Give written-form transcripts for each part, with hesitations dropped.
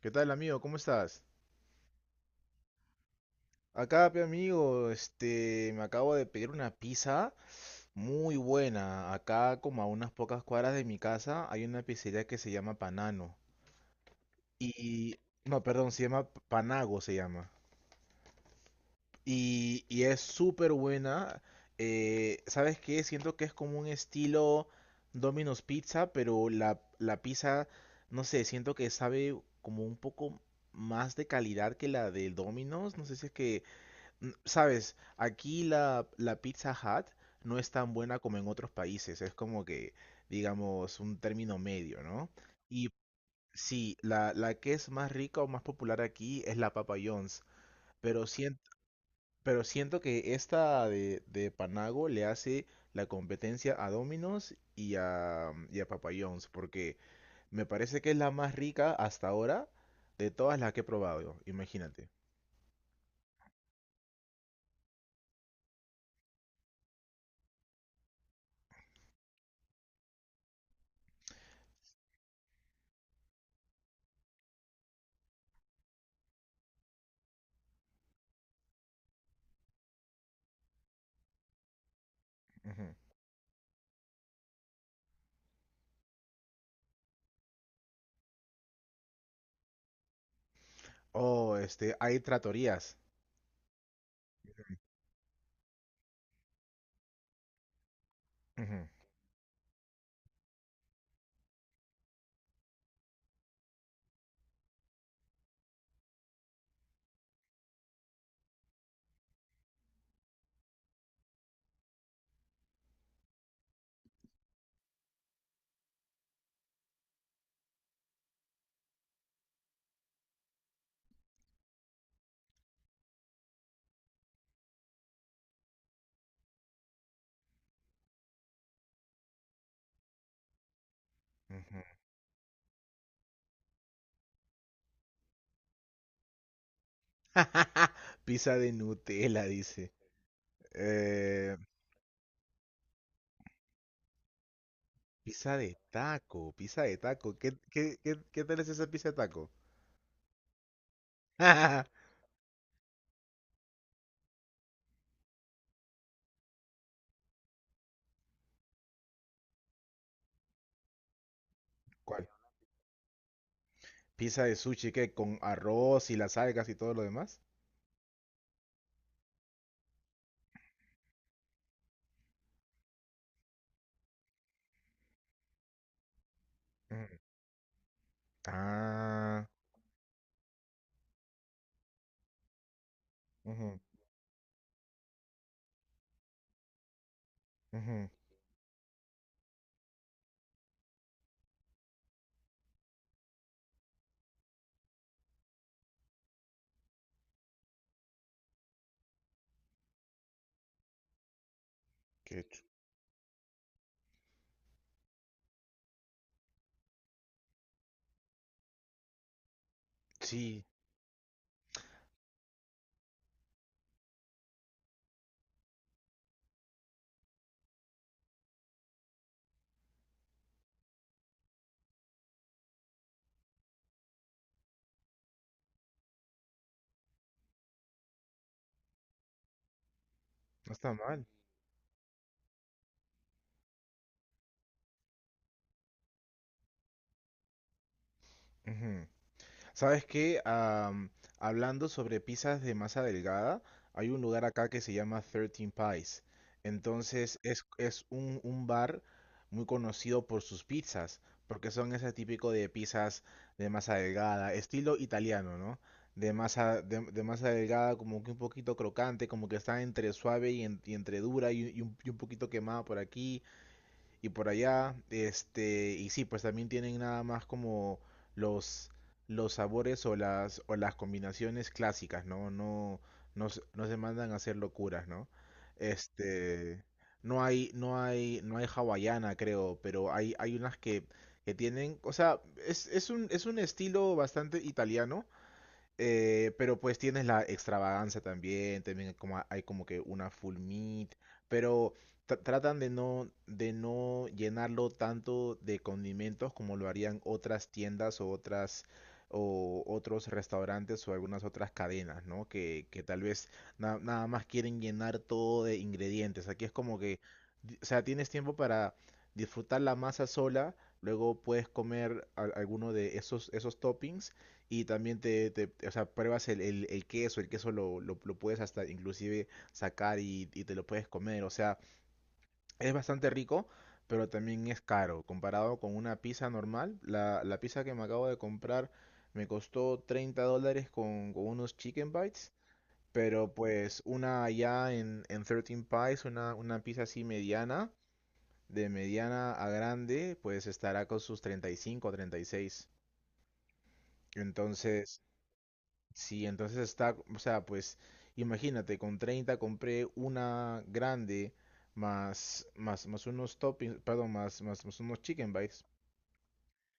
¿Qué tal, amigo? ¿Cómo estás? Acá, pe amigo, me acabo de pedir una pizza muy buena. Acá, como a unas pocas cuadras de mi casa, hay una pizzería que se llama Panano. Y no, perdón, se llama Panago, se llama. Y es súper buena. ¿Sabes qué? Siento que es como un estilo Domino's Pizza, pero la pizza, no sé, siento que sabe como un poco más de calidad que la del Domino's. No sé si es que sabes, aquí la Pizza Hut no es tan buena como en otros países, es como que, digamos, un término medio, ¿no? Y sí, la que es más rica o más popular aquí es la Papa John's, pero siento, pero siento que esta de Panago le hace la competencia a Domino's y a Papa John's, porque me parece que es la más rica hasta ahora de todas las que he probado, imagínate. Ujú. Oh, hay tratorías. Ujú. Ujú. Pizza de Nutella, dice. Eh, pizza de taco, pizza de taco. ¿Qué tal es esa pizza de taco? ¿Cuál? Pizza de sushi, que con arroz y las algas y todo lo demás. Ujú. Ah, ujú, ujú. Qué chu- Sí, no está mal. ¿Sabes qué? Hablando sobre pizzas de masa delgada, hay un lugar acá que se llama 13 Pies. Entonces es un bar muy conocido por sus pizzas, porque son ese típico de pizzas de masa delgada, estilo italiano, ¿no? De masa, de masa delgada, como que un poquito crocante, como que está entre suave y entre dura y un poquito quemada por aquí y por allá. Y sí, pues también tienen nada más como los, los sabores o las, combinaciones clásicas, ¿no? No, no, no se mandan a hacer locuras, ¿no? Este, no hay hawaiana, creo, pero hay unas que tienen, o sea, es un estilo bastante italiano, pero pues tienes la extravagancia también, también hay como que una full meat, pero tratan de no llenarlo tanto de condimentos como lo harían otras tiendas o otras o otros restaurantes o algunas otras cadenas, ¿no? Que tal vez nada más quieren llenar todo de ingredientes. Aquí es como que, o sea, tienes tiempo para disfrutar la masa sola, luego puedes comer alguno de esos toppings y también te o sea, pruebas el, el queso, el queso lo puedes hasta inclusive sacar y te lo puedes comer. O sea, es bastante rico, pero también es caro. Comparado con una pizza normal, la pizza que me acabo de comprar me costó $30 con unos chicken bites, pero pues una allá en 13 Pies, una pizza así mediana, de mediana a grande, pues estará con sus 35 o 36. Entonces, sí, entonces está, o sea, pues imagínate, con 30 compré una grande más unos toppings, perdón, más unos chicken bites.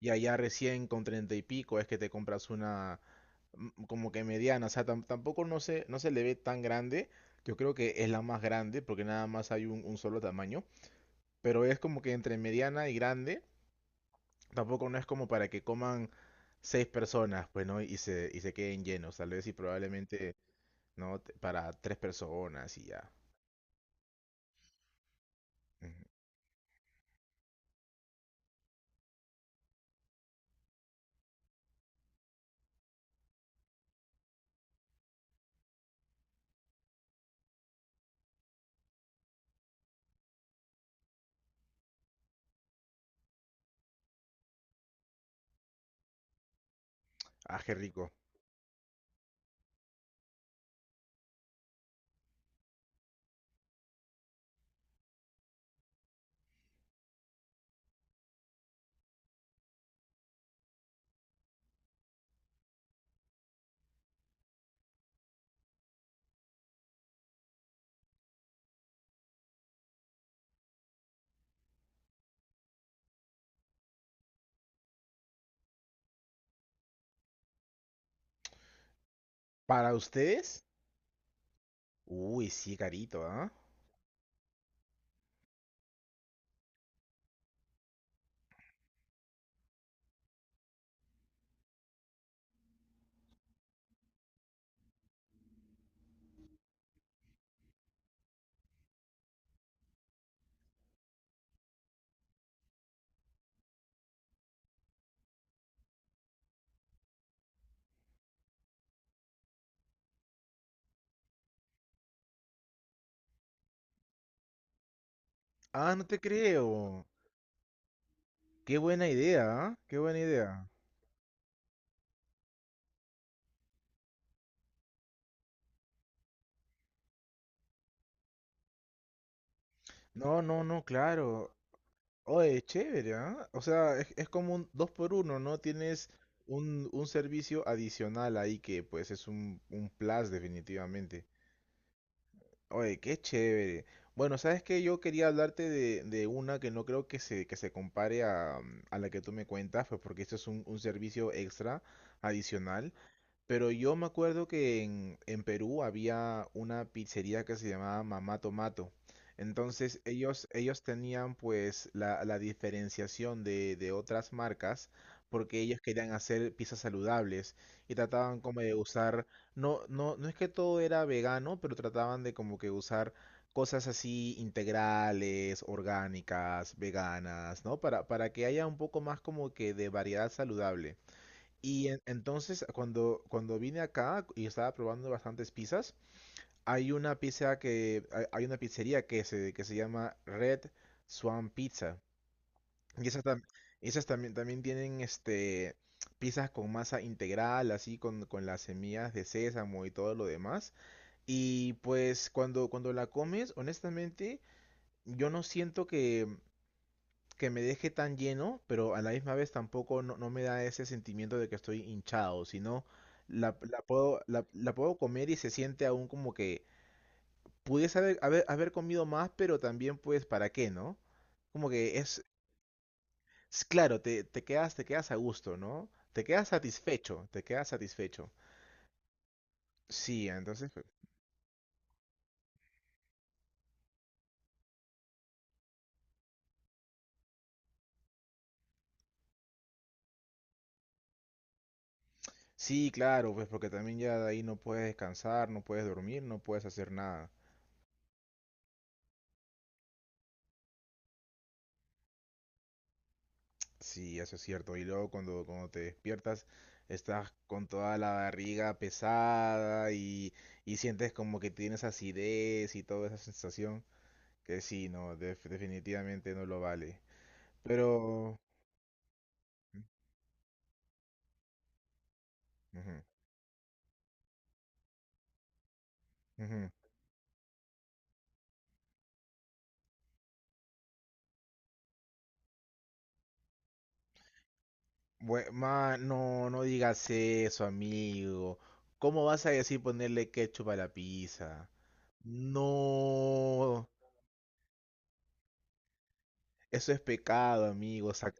Y allá recién con 30 y pico es que te compras una, como que mediana, o sea, tampoco no se le ve tan grande. Yo creo que es la más grande porque nada más hay un solo tamaño. Pero es como que entre mediana y grande, tampoco no es como para que coman seis personas, pues, ¿no? Y se queden llenos, tal vez y probablemente. ¿No? Para tres personas y ya. Ujú. Ah, qué rico. ¿Para ustedes? Uy, sí, carito, ¿ah? Ah, no te creo. Qué buena idea, ¿ah? Qué buena idea. No, no, no, claro. Oye, chévere, ¿ah? O sea, es como un dos por uno, ¿no? Tienes un servicio adicional ahí que pues es un plus definitivamente. Oye, qué chévere. Bueno, sabes que yo quería hablarte de una que no creo que se compare a la que tú me cuentas, pues porque esto es un servicio extra adicional. Pero yo me acuerdo que en Perú había una pizzería que se llamaba Mamá Tomato. Entonces ellos tenían pues la diferenciación de otras marcas porque ellos querían hacer pizzas saludables y trataban como de usar, no, no, no es que todo era vegano, pero trataban de como que usar cosas así integrales, orgánicas, veganas, ¿no? Para que haya un poco más como que de variedad saludable. Y entonces, cuando vine acá y estaba probando bastantes pizzas, hay una pizzería que se llama Red Swan Pizza. Y esas, esas también tienen pizzas con masa integral, así con las semillas de sésamo y todo lo demás. Y pues cuando, cuando la comes, honestamente, yo no siento que me deje tan lleno, pero a la misma vez tampoco no, no me da ese sentimiento de que estoy hinchado, sino la, la puedo, la puedo comer y se siente aún como que pudiese haber, haber comido más, pero también pues para qué, ¿no? Como que es claro, te, te quedas a gusto, ¿no? Te quedas satisfecho, te quedas satisfecho. Sí, entonces, pues, sí, claro, pues porque también ya de ahí no puedes descansar, no puedes dormir, no puedes hacer nada. Sí, eso es cierto. Y luego cuando, cuando te despiertas, estás con toda la barriga pesada y sientes como que tienes acidez y toda esa sensación que sí, no, definitivamente no lo vale. Pero. Ujú, ujú. No, no digas eso, amigo. ¿Cómo vas a decir ponerle ketchup a la pizza? No, eso es pecado, amigo. sac-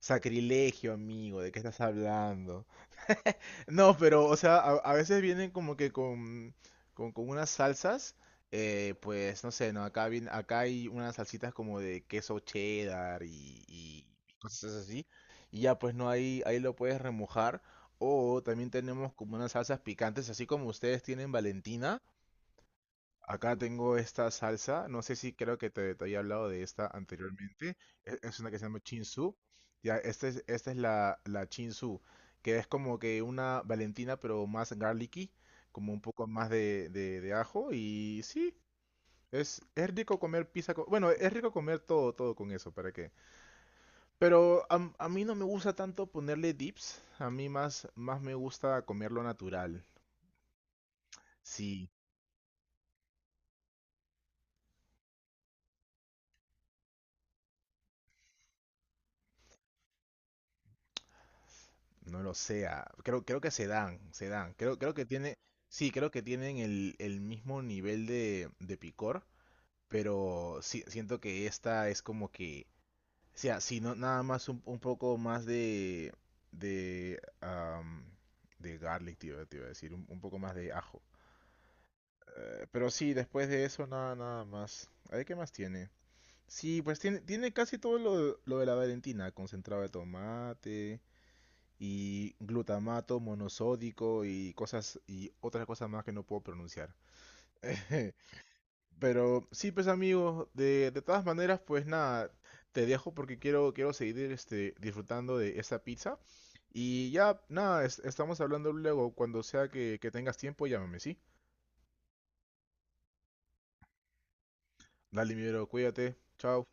sacrilegio, amigo. ¿De qué estás hablando? No, pero, o sea, a veces vienen como que con, con unas salsas, pues, no sé, no, acá hay unas salsitas como de queso cheddar y cosas así, y ya, pues, no, ahí lo puedes remojar, o también tenemos como unas salsas picantes, así como ustedes tienen Valentina. Acá tengo esta salsa, no sé si creo que te había hablado de esta anteriormente, es una que se llama Chinsu, ya, esta es la Chinsu, que es como que una Valentina pero más garlicky, como un poco más de ajo y sí, es rico comer pizza, bueno, es rico comer todo, todo con eso, ¿para qué? Pero a mí no me gusta tanto ponerle dips, a mí más me gusta comerlo natural, sí. No lo sea. Creo que se dan, se dan. Creo que tiene, sí, creo que tienen el mismo nivel de picor, pero sí, siento que esta es como que, o sea, si no, nada más un poco más de, de, am, de garlic, te iba a decir, un poco más de ajo. Pero sí, después de eso, nada más. A ver, ¿qué más tiene? Sí, pues tiene casi todo lo de la Valentina, concentrado de tomate y glutamato monosódico y cosas y otras cosas más que no puedo pronunciar. Pero sí, pues amigos, de todas maneras, pues nada, te dejo porque quiero seguir disfrutando de esta pizza. Y ya, nada, estamos hablando luego. Cuando sea que tengas tiempo, llámame, ¿sí? Dale, mi bro, cuídate. Chao.